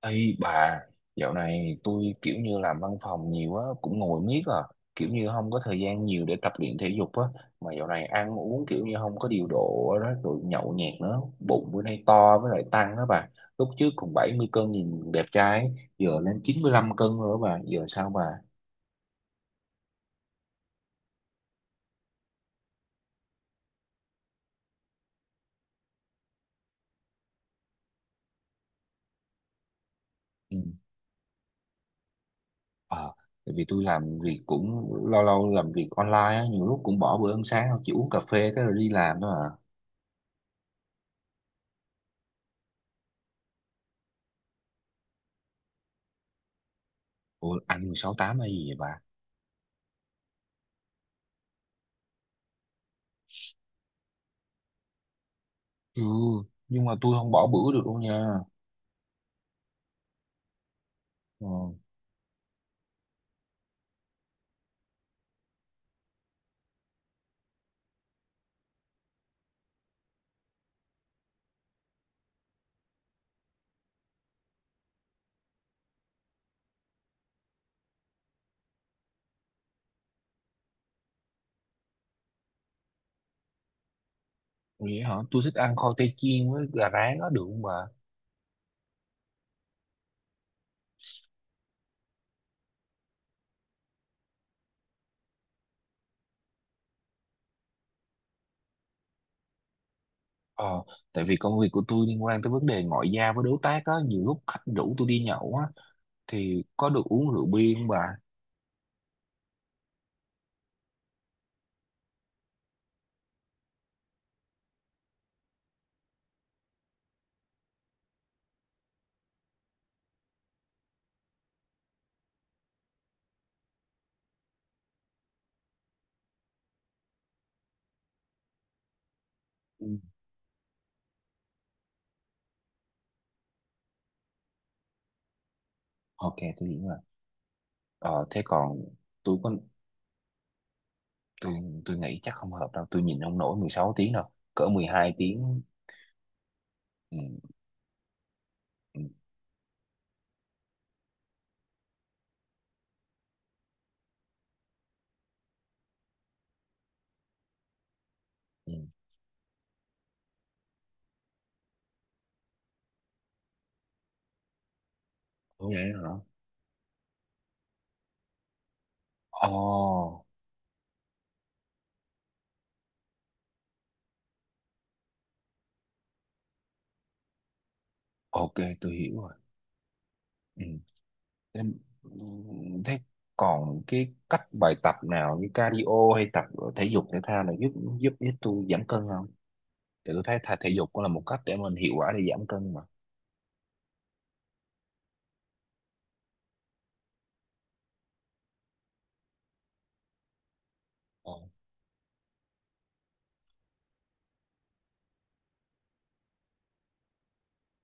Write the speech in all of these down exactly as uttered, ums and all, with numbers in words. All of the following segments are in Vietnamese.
Ê bà, dạo này tôi kiểu như làm văn phòng nhiều á, cũng ngồi miết à, kiểu như không có thời gian nhiều để tập luyện thể dục á, mà dạo này ăn uống kiểu như không có điều độ đó, rồi nhậu nhẹt nữa, bụng bữa nay to với lại tăng đó bà, lúc trước còn bảy mươi cân nhìn đẹp trai, ấy, giờ lên chín mươi lăm cân rồi đó bà, giờ sao bà? Ừ. Ờ, tại vì tôi làm việc cũng lâu lâu làm việc online á, nhiều lúc cũng bỏ bữa ăn sáng, chỉ uống cà phê cái rồi đi làm thôi à. Ủa, ăn mười sáu tám hay gì vậy bà? Ừ, nhưng mà tôi không bỏ bữa được đâu nha. Ờ, vậy hả? Tôi thích ăn khoai tây chiên với gà rán á được không bà? Ờ, tại vì công việc của tôi liên quan tới vấn đề ngoại giao với đối tác á, nhiều lúc khách rủ tôi đi nhậu á, thì có được uống rượu bia không bà? Ừ. Ok, tôi hiểu rồi. Ờ, thế còn tôi có, tôi, tôi nghĩ chắc không hợp đâu, tôi nhìn không nổi mười sáu tiếng đâu, cỡ mười hai tiếng. Ừ, ừ, ừ. Ủa vậy hả? Ồ, ok, tôi hiểu rồi. Ừ. Em, thế còn cái cách bài tập nào như cardio hay tập thể dục thể thao này giúp giúp giúp tôi giảm cân không? Thì tôi thấy thể, thể dục cũng là một cách để mình hiệu quả để giảm cân mà. Ờ.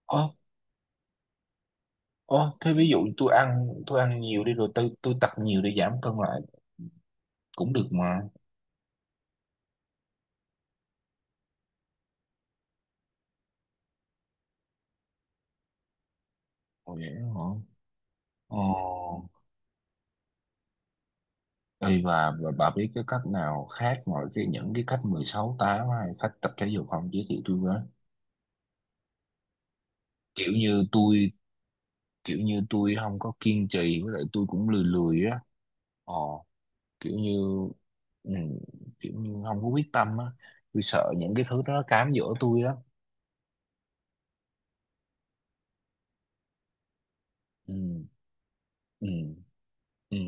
Ờ, ờ, thế ví dụ tôi ăn tôi ăn nhiều đi rồi tôi tôi tập nhiều để giảm cân lại cũng được mà. Ồ vậy hả? Ờ. Ê, và, và bà biết cái cách nào khác ngoài cái những cái cách mười sáu tám hay cách tập thể dục không giới thiệu tôi với? Kiểu như tôi kiểu như tôi không có kiên trì với lại tôi cũng lười lười á ờ kiểu như ừ, kiểu như không có quyết tâm á tôi sợ những cái thứ đó nó cám dỗ tôi lắm. Ừ, ừ, ừ.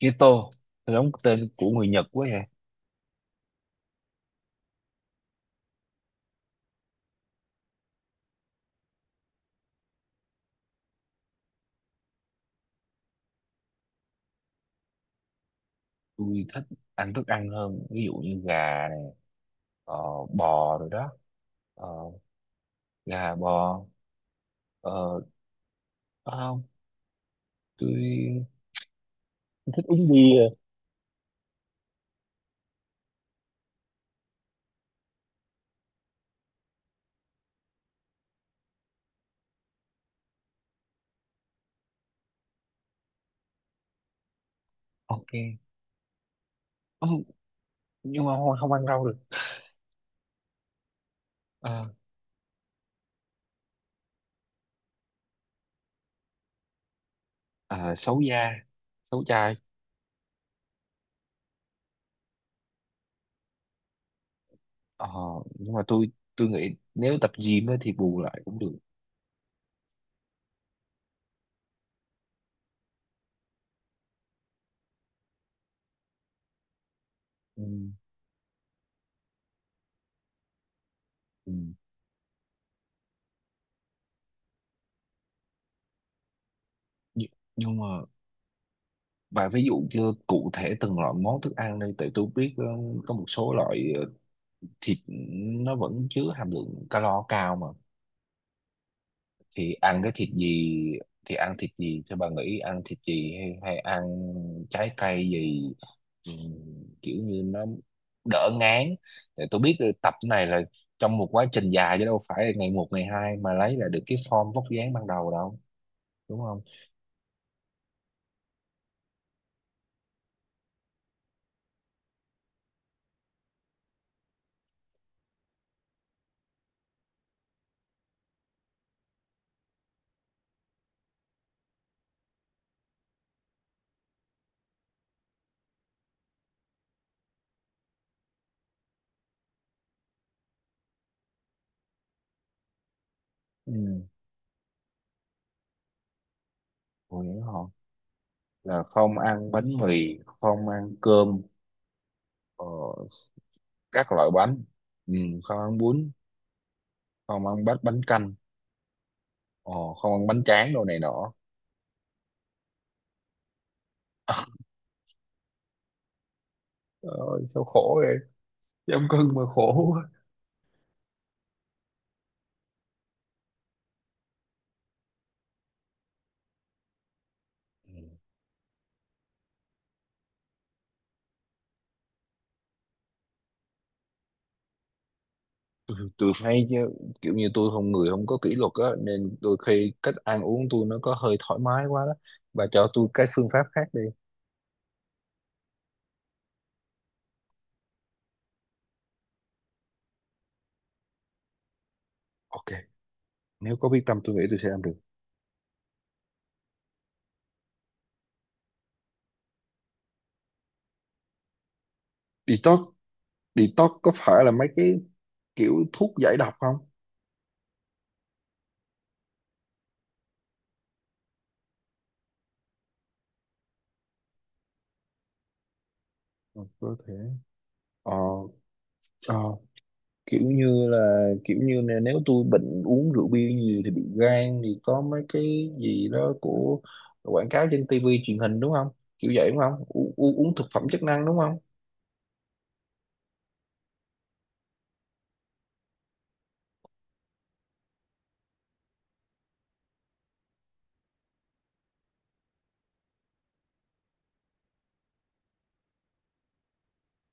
Keto giống tên của người Nhật quá vậy. Tôi thích ăn thức ăn hơn ví dụ như gà này, ờ, bò rồi đó, ờ, gà bò, ờ có không, tôi thích uống bia. Ok. Ồ, nhưng mà không, không ăn rau được. Ờ, à, xấu da, xấu chai. Ờ, nhưng mà tôi tôi nghĩ nếu tập gym ấy thì bù lại cũng được. Ừ. Ừ. Nhưng, nhưng mà bà ví dụ như cụ thể từng loại món thức ăn đây tại tôi biết ờ, có một số loại ờ, thịt nó vẫn chứa hàm lượng calo cao mà, thì ăn cái thịt gì, thì ăn thịt gì cho bà nghĩ ăn thịt gì hay, hay ăn trái cây gì. Ừ, kiểu như nó đỡ ngán. Tại tôi biết là tập này là trong một quá trình dài chứ đâu phải là ngày một ngày hai mà lấy lại được cái form vóc dáng ban đầu đâu, đúng không? Ừ. Hồi nhớ họ là không ăn bánh mì không ăn cơm, ờ, các loại bánh, ừ, không ăn bún, không ăn bánh bánh canh, ờ, không ăn bánh tráng đồ này nọ. Trời ơi, sao khổ vậy, giảm cân mà khổ quá. Tôi thấy chứ, kiểu như tôi không người không có kỷ luật á nên đôi khi cách ăn uống tôi nó có hơi thoải mái quá đó, bà cho tôi cái phương pháp khác đi. Ok. Nếu có quyết tâm tôi nghĩ tôi sẽ làm được. Detox. Detox có phải là mấy cái kiểu thuốc giải độc không? Ừ, có thể. ờ, ờ, Kiểu như là kiểu như là nếu tôi bệnh uống rượu bia nhiều thì bị gan thì có mấy cái gì đó của quảng cáo trên tivi truyền hình đúng không, kiểu vậy đúng không? U u- Uống thực phẩm chức năng đúng không?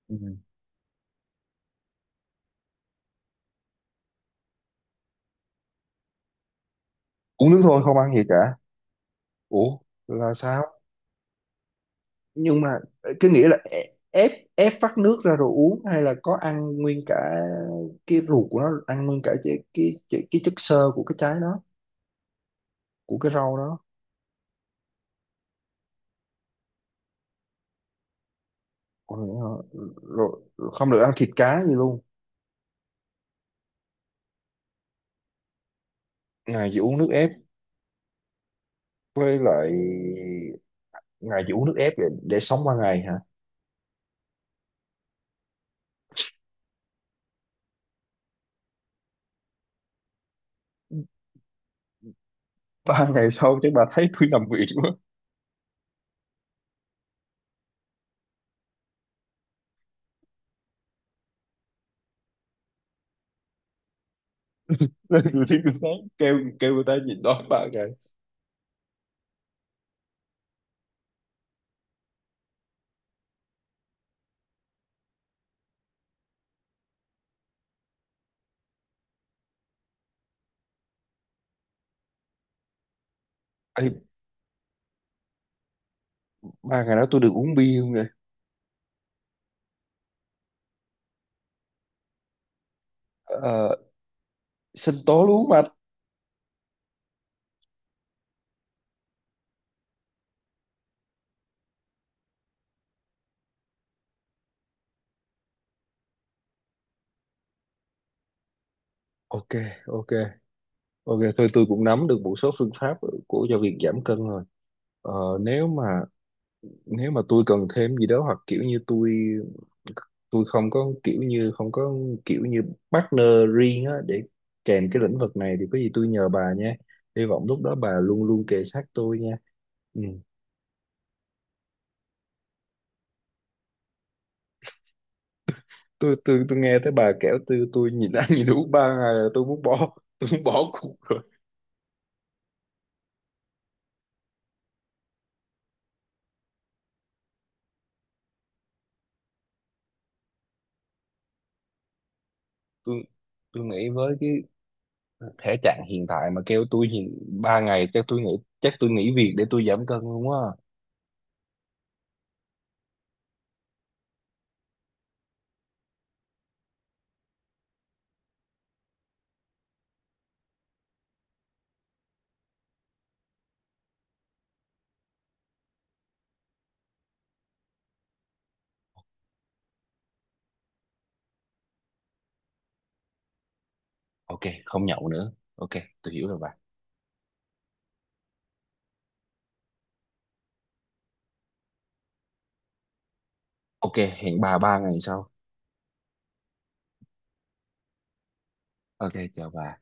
Ừ. Uống nước thôi không ăn gì cả. Ủa là sao? Nhưng mà ờ, cái nghĩa là ép ép ép vắt nước ra rồi uống hay là có ăn nguyên cả cái ruột của nó, ăn nguyên cả cái cái cái, cái chất xơ của cái trái đó, của cái rau đó. Ôi, ờ, rồi rồi không được ăn thịt cá gì luôn, ngày chỉ uống nước ép, với lại ngày chỉ uống nước ép để, để sống qua ngày hả? Ba ngày sau chắc bà thấy tôi nằm viện quá. Lên tôi thấy tôi thấy kêu kêu người ta nhịn đói ba ngày. Ê, ba ngày đó tôi được uống bia không nè? Ờ, sinh tố lúa mạch. Ok, ok, ok, thôi tôi cũng nắm được một số phương pháp của cho việc giảm cân rồi. ờ, Nếu mà nếu mà tôi cần thêm gì đó hoặc kiểu như tôi tôi không có kiểu như không có kiểu như partner riêng á để kèm cái lĩnh vực này thì có gì tôi nhờ bà nha, hy vọng lúc đó bà luôn luôn kề sát tôi nha. Ừ. tôi tôi tôi nghe tới bà kể tôi tôi nhìn ăn nhìn uống ba ngày là tôi muốn bỏ tôi muốn bỏ cuộc rồi. Tôi tôi nghĩ với cái thể trạng hiện tại mà kêu tôi nhìn ba ngày chắc tôi nghĩ chắc tôi nghỉ việc để tôi giảm cân luôn á. Ok, không nhậu nữa. Ok, tôi hiểu rồi bà. Ok, hẹn bà ba ngày sau. Ok, chào bà.